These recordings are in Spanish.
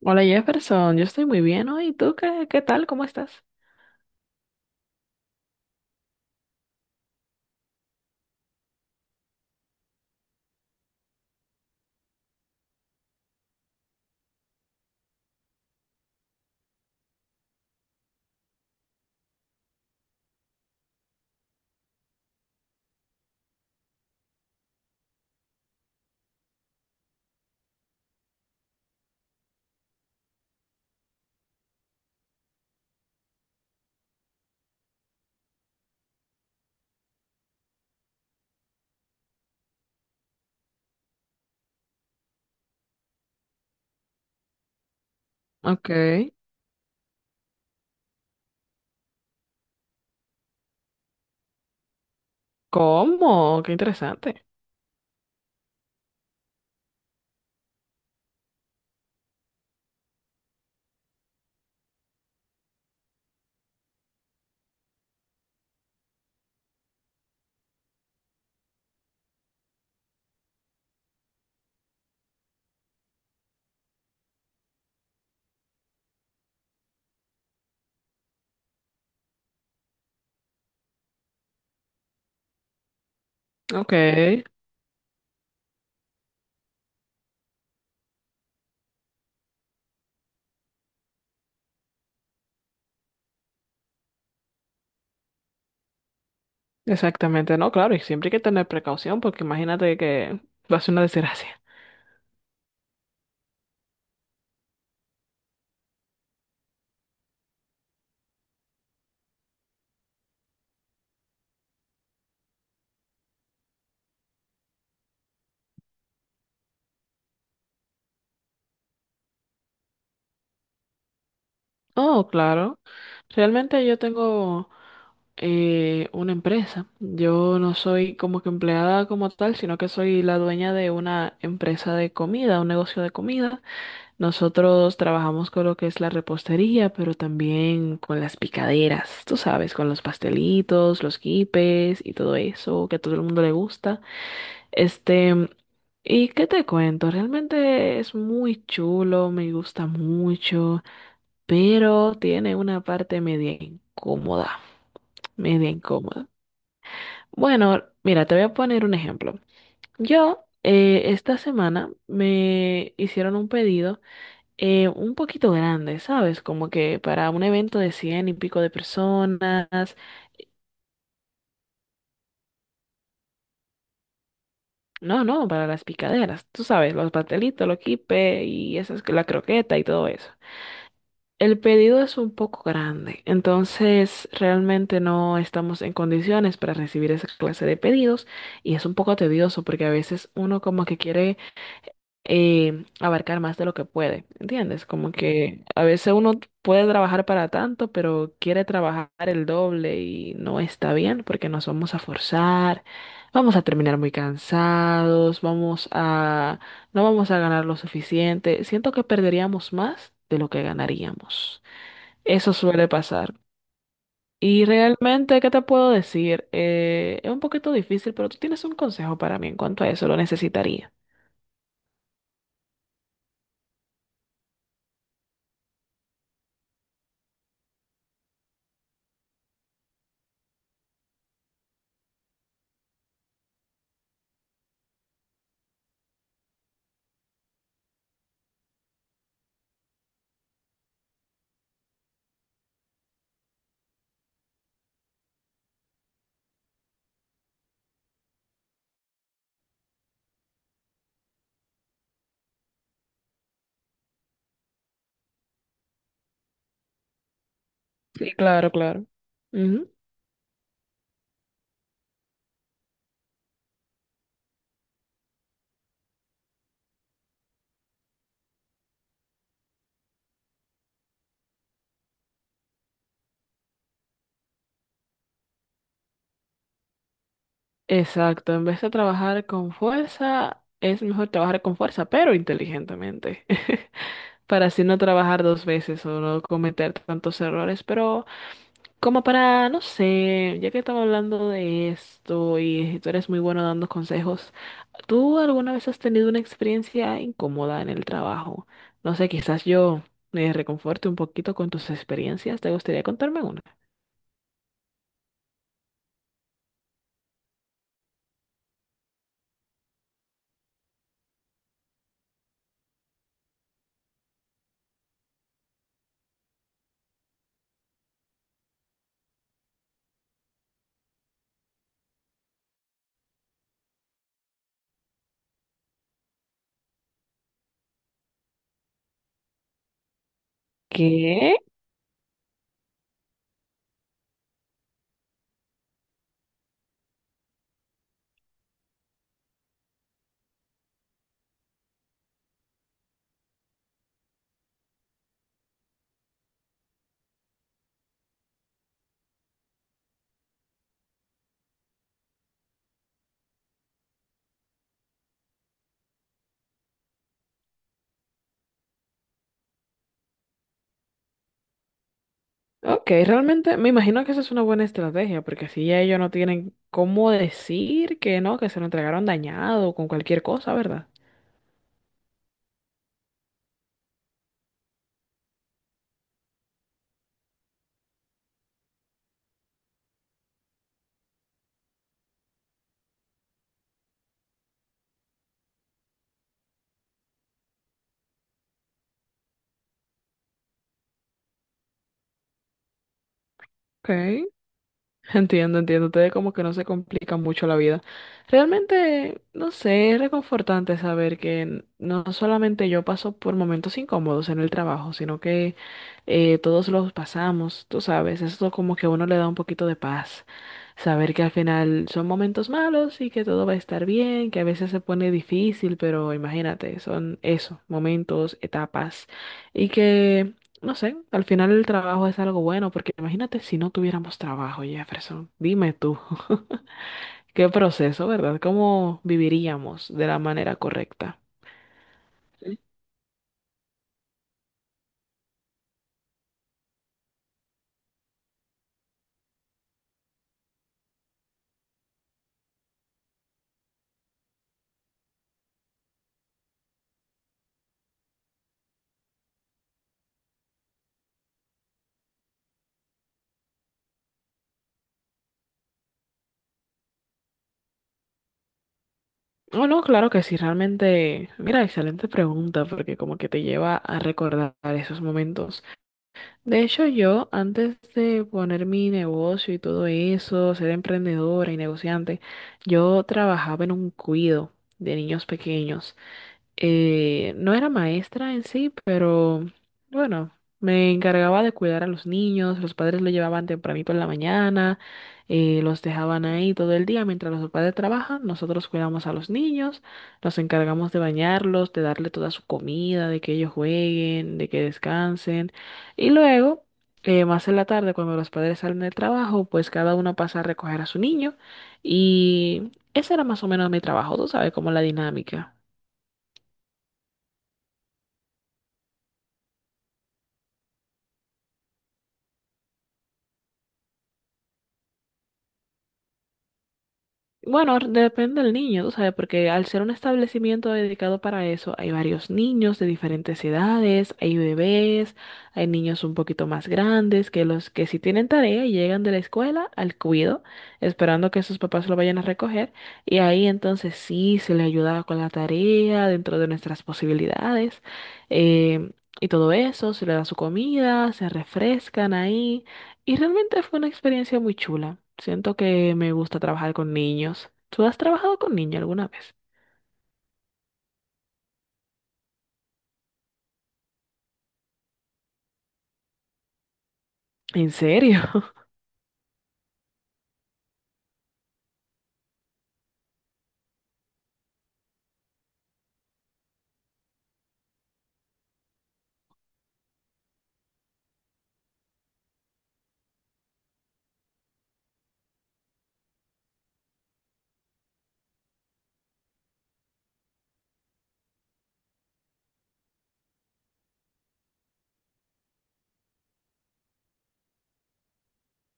Hola Jefferson, yo estoy muy bien hoy. ¿Tú qué tal? ¿Cómo estás? Ok. ¿Cómo? Qué interesante. Ok. Exactamente. No, claro, y siempre hay que tener precaución porque imagínate que va a ser una desgracia. Oh, claro. Realmente yo tengo una empresa. Yo no soy como que empleada como tal, sino que soy la dueña de una empresa de comida, un negocio de comida. Nosotros trabajamos con lo que es la repostería, pero también con las picaderas, tú sabes, con los pastelitos, los quipes y todo eso que a todo el mundo le gusta. Este, ¿Y qué te cuento? Realmente es muy chulo, me gusta mucho, pero tiene una parte media incómoda. Bueno, mira, te voy a poner un ejemplo. Yo esta semana me hicieron un pedido un poquito grande, ¿sabes? Como que para un evento de cien y pico de personas. No, no, para las picaderas. Tú sabes, los pastelitos, los quipes y esas, la croqueta y todo eso. El pedido es un poco grande, entonces realmente no estamos en condiciones para recibir esa clase de pedidos y es un poco tedioso porque a veces uno como que quiere abarcar más de lo que puede, ¿entiendes? Como que a veces uno puede trabajar para tanto, pero quiere trabajar el doble y no está bien porque nos vamos a forzar, vamos a terminar muy cansados, no vamos a ganar lo suficiente. Siento que perderíamos más de lo que ganaríamos. Eso suele pasar. Y realmente, ¿qué te puedo decir? Es un poquito difícil, pero tú tienes un consejo para mí en cuanto a eso, lo necesitaría. Sí, claro, claro. Ujú. Exacto, en vez de trabajar con fuerza, es mejor trabajar con fuerza, pero inteligentemente, para así no trabajar dos veces o no cometer tantos errores, pero como para, no sé, ya que estamos hablando de esto y tú eres muy bueno dando consejos, ¿tú alguna vez has tenido una experiencia incómoda en el trabajo? No sé, quizás yo me reconforte un poquito con tus experiencias, ¿te gustaría contarme una? ¿Qué? Ok, realmente me imagino que esa es una buena estrategia, porque así ya ellos no tienen cómo decir que no, que se lo entregaron dañado o con cualquier cosa, ¿verdad? Ok. Entiendo, entiendo. Ustedes como que no se complican mucho la vida. Realmente, no sé, es reconfortante saber que no solamente yo paso por momentos incómodos en el trabajo, sino que todos los pasamos, tú sabes. Eso como que a uno le da un poquito de paz. Saber que al final son momentos malos y que todo va a estar bien, que a veces se pone difícil, pero imagínate, son eso, momentos, etapas. Y que no sé, al final el trabajo es algo bueno, porque imagínate si no tuviéramos trabajo, Jefferson. Dime tú, qué proceso, ¿verdad? ¿Cómo viviríamos de la manera correcta? Sí. Oh, no, claro que sí, realmente, mira, excelente pregunta, porque como que te lleva a recordar esos momentos. De hecho, yo, antes de poner mi negocio y todo eso, ser emprendedora y negociante, yo trabajaba en un cuido de niños pequeños. No era maestra en sí, pero bueno, me encargaba de cuidar a los niños, los padres lo llevaban tempranito en la mañana, los dejaban ahí todo el día mientras los padres trabajan, nosotros cuidamos a los niños, nos encargamos de bañarlos, de darle toda su comida, de que ellos jueguen, de que descansen y luego... más en la tarde, cuando los padres salen del trabajo, pues cada uno pasa a recoger a su niño y ese era más o menos mi trabajo, tú sabes, como la dinámica. Bueno, depende del niño, tú sabes, porque al ser un establecimiento dedicado para eso, hay varios niños de diferentes edades, hay bebés, hay niños un poquito más grandes que los que sí tienen tarea y llegan de la escuela al cuido, esperando que sus papás lo vayan a recoger, y ahí entonces sí se le ayuda con la tarea dentro de nuestras posibilidades, eh, y todo eso, se le da su comida, se refrescan ahí. Y realmente fue una experiencia muy chula. Siento que me gusta trabajar con niños. ¿Tú has trabajado con niños alguna vez? ¿En serio?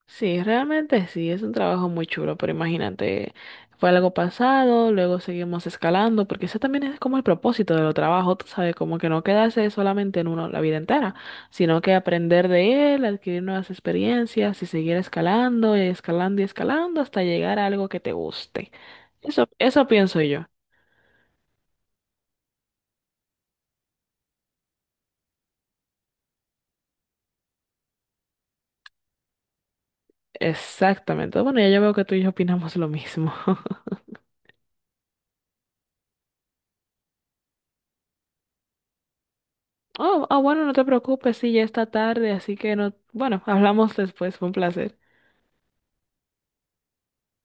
Sí, realmente sí, es un trabajo muy chulo, pero imagínate, fue algo pasado, luego seguimos escalando, porque ese también es como el propósito de los trabajos, tú sabes, como que no quedarse solamente en uno la vida entera, sino que aprender de él, adquirir nuevas experiencias y seguir escalando y escalando y escalando hasta llegar a algo que te guste. Eso pienso yo. Exactamente. Bueno, ya yo veo que tú y yo opinamos lo mismo. Oh, ah, bueno, no te preocupes, sí, ya está tarde, así que no, bueno, hablamos después, fue un placer.